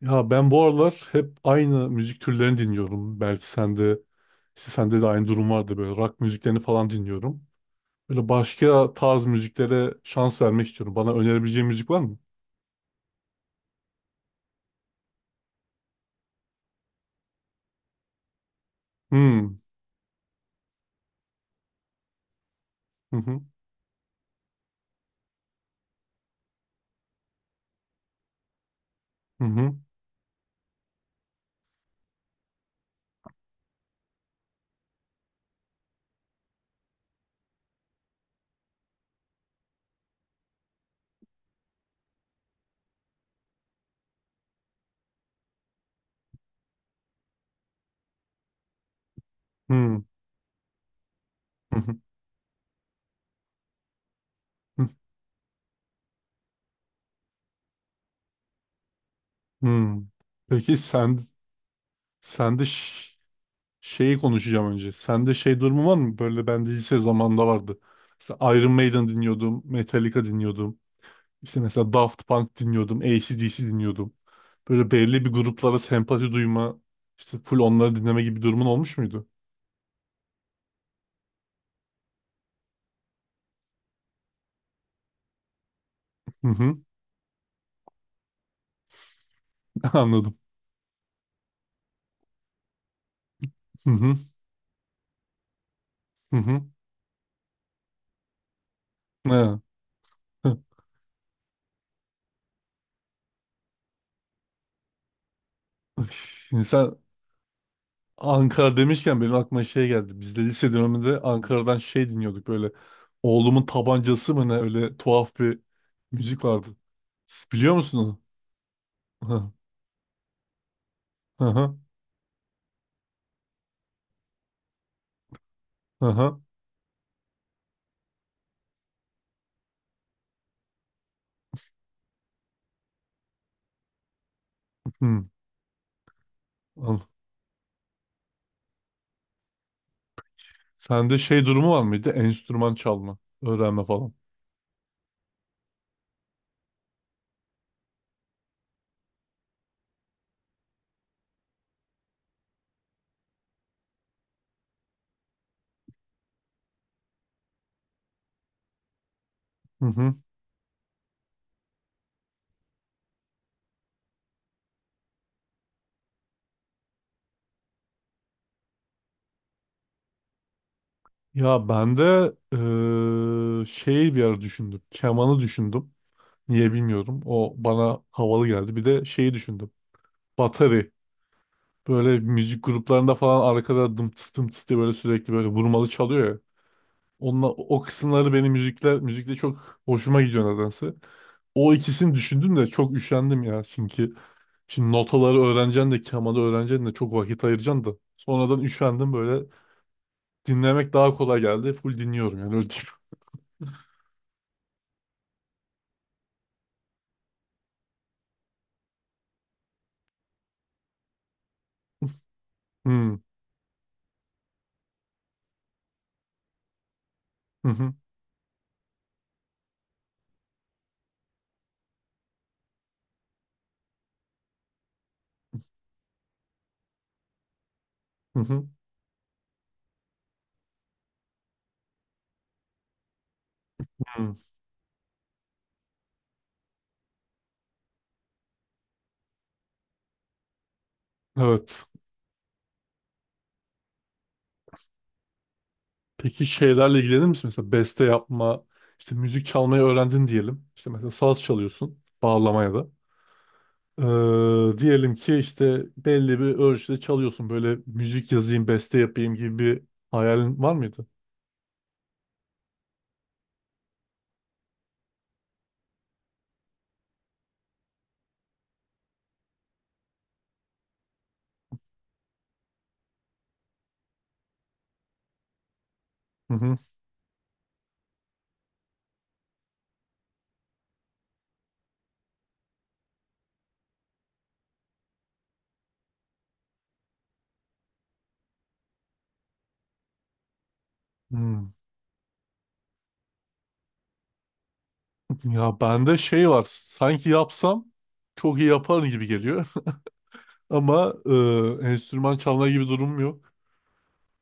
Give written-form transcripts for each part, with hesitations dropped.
Ya ben bu aralar hep aynı müzik türlerini dinliyorum. Belki sende işte sende de aynı durum vardı, böyle rock müziklerini falan dinliyorum. Böyle başka tarz müziklere şans vermek istiyorum. Bana önerebileceğin müzik var mı? Hmm. Hı hı. Hı hı. Hmm. Hı hı. Hı. Hmm. Peki sen sende şeyi konuşacağım önce. Sende şey durumu var mı? Böyle ben de lise zamanında vardı. Mesela Iron Maiden dinliyordum, Metallica dinliyordum. İşte mesela Daft Punk dinliyordum, AC/DC dinliyordum. Böyle belli bir gruplara sempati duyma, işte full onları dinleme gibi durumun olmuş muydu? Hı hı, anladım. Hı hı, hı hı. Ha, şimdi sen Ankara demişken benim aklıma şey geldi. Biz de lise döneminde Ankara'dan şey dinliyorduk böyle. Oğlumun tabancası mı ne, öyle tuhaf bir müzik vardı. Siz biliyor musun onu? Hı hı hı hı. Hı. Hı. Al. Sende şey durumu var mıydı? Enstrüman çalma, öğrenme falan. Hı hı. Ya ben de şeyi bir ara düşündüm. Kemanı düşündüm. Niye bilmiyorum. O bana havalı geldi. Bir de şeyi düşündüm. Batari. Böyle müzik gruplarında falan arkada dım tıs dım tıs diye böyle sürekli böyle vurmalı çalıyor ya. Onunla, o kısımları benim müzikler, müzikte çok hoşuma gidiyor nedense. O ikisini düşündüm de çok üşendim ya. Çünkü şimdi notaları öğreneceksin de, kemanı öğreneceksin de, çok vakit ayıracaksın da. Sonradan üşendim böyle. Dinlemek daha kolay geldi. Full dinliyorum yani, öyle diyeyim. Hmm. Hı hı. Hı. Evet. Peki şeylerle ilgilenir misin? Mesela beste yapma, işte müzik çalmayı öğrendin diyelim. İşte mesela saz çalıyorsun, bağlamaya da. Diyelim ki işte belli bir ölçüde çalıyorsun. Böyle müzik yazayım, beste yapayım gibi bir hayalin var mıydı? Hı hı. Hı. Ya bende şey var. Sanki yapsam çok iyi yaparım gibi geliyor. Ama enstrüman çalma gibi durumum yok.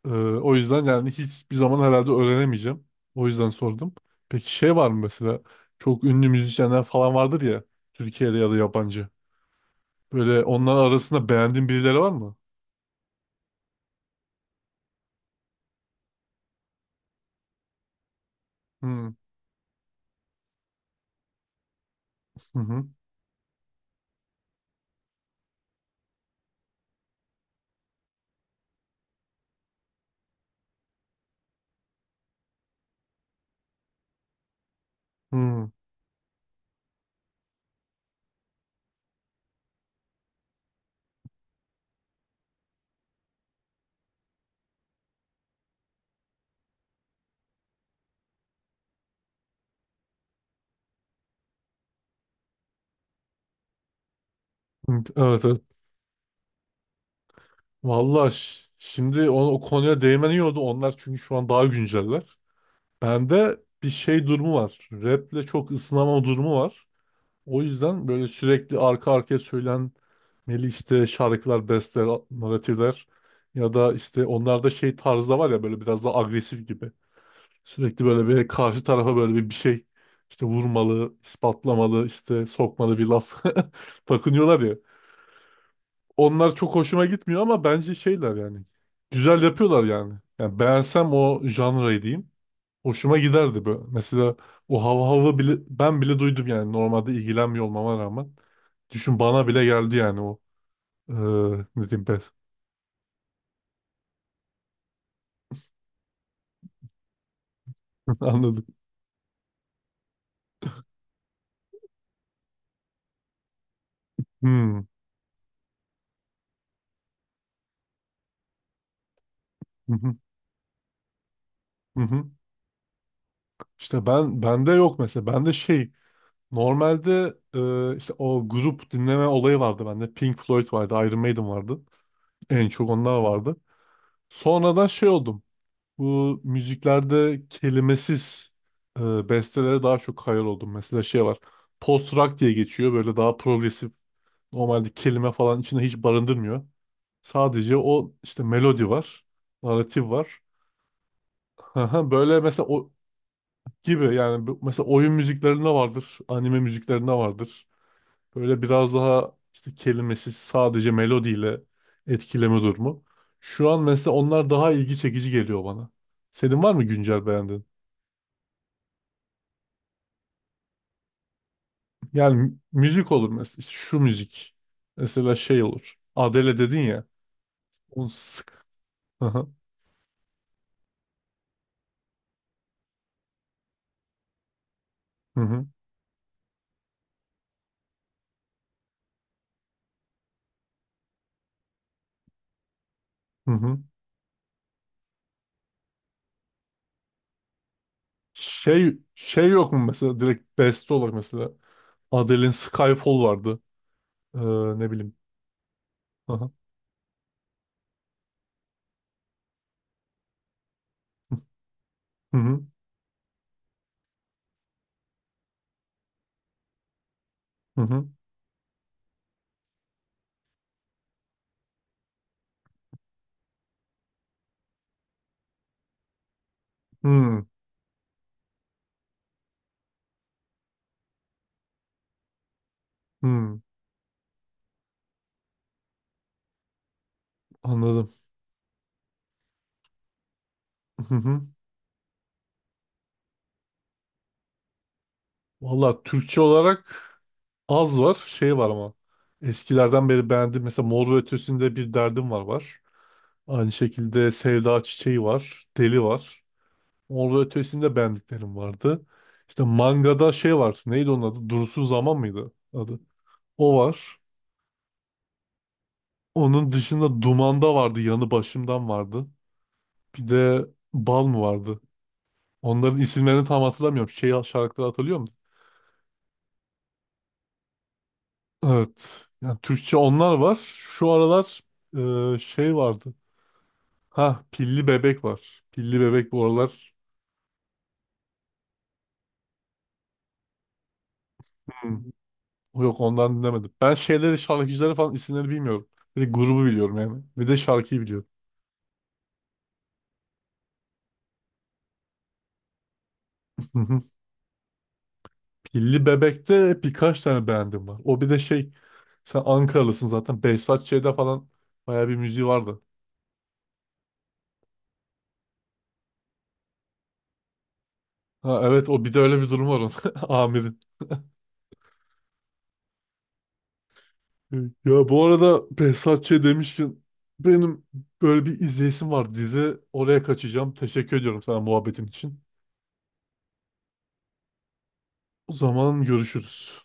O yüzden yani hiçbir zaman herhalde öğrenemeyeceğim. O yüzden sordum. Peki şey var mı mesela, çok ünlü müzisyenler falan vardır ya, Türkiye'de ya da yabancı. Böyle onlar arasında beğendiğin birileri var mı? Hmm. Hı hı. Hmm. Hı. Evet evet. Valla şimdi o konuya değmen iyi oldu. Onlar çünkü şu an daha günceller. Bende bir şey durumu var. Rap'le çok ısınamama durumu var. O yüzden böyle sürekli arka arkaya söylenmeli işte şarkılar, besteler, naratifler ya da işte onlarda şey tarzı da var ya, böyle biraz daha agresif gibi. Sürekli böyle bir karşı tarafa böyle bir şey işte vurmalı, ispatlamalı, işte sokmalı bir laf takınıyorlar ya. Onlar çok hoşuma gitmiyor ama bence şeyler yani. Güzel yapıyorlar yani. Yani beğensem o janrayı diyeyim. Hoşuma giderdi böyle. Mesela o hava hava bile, ben bile duydum yani, normalde ilgilenmiyor olmama rağmen. Düşün, bana bile geldi yani o. Ee, Ne diyeyim ben? Anladım. Hmm. Hı hı. Hı hı. İşte ben bende yok mesela. Bende şey normalde işte o grup dinleme olayı vardı bende. Pink Floyd vardı, Iron Maiden vardı. En çok onlar vardı. Sonradan şey oldum. Bu müziklerde kelimesiz bestelere daha çok hayal oldum. Mesela şey var. Post rock diye geçiyor. Böyle daha progresif. Normalde kelime falan içinde hiç barındırmıyor. Sadece o işte melodi var. Naratif var. Böyle mesela o gibi yani, mesela oyun müziklerinde vardır. Anime müziklerinde vardır. Böyle biraz daha işte kelimesiz, sadece melodiyle etkileme durumu. Şu an mesela onlar daha ilgi çekici geliyor bana. Senin var mı güncel beğendiğin? Yani müzik olur mesela. İşte şu müzik. Mesela şey olur. Adele dedin ya. Onu sık. Hı hı. Hı hı. Hı hı. Şey, şey yok mu mesela? Direkt beste olarak mesela. Adele'in Skyfall vardı. Ee, ne bileyim. Hı hı. Hı hı. Hı hı. Hı hı. Anladım. Hı hı. Valla Türkçe olarak az var. Şey var ama. Eskilerden beri beğendim. Mesela Mor ve Ötesi'nde bir derdim var var. Aynı şekilde Sevda Çiçeği var. Deli var. Orada, ötesinde beğendiklerim vardı. İşte mangada şey var. Neydi onun adı? Durusu Zaman mıydı adı? O var. Onun dışında Duman'da vardı. Yanı Başımdan vardı. Bir de Bal mı vardı? Onların isimlerini tam hatırlamıyorum. Şey şarkıları hatırlıyor musun? Evet. Yani Türkçe onlar var. Şu aralar şey vardı. Ha Pilli Bebek var. Pilli Bebek bu aralar. Hmm. Yok, ondan dinlemedim. Ben şeyleri şarkıcıları falan isimlerini bilmiyorum. Bir de grubu biliyorum yani. Bir de şarkıyı biliyorum. Pilli Bebek'te birkaç tane beğendim var. O bir de şey, sen Ankaralısın zaten. Behzat Ç'de falan bayağı bir müziği vardı. Ha evet, o bir de öyle bir durum var onun. Amir'in. Ya bu arada Behzat Ç demişken benim böyle bir izleyesim var dizi. Oraya kaçacağım. Teşekkür ediyorum sana muhabbetin için. O zaman görüşürüz.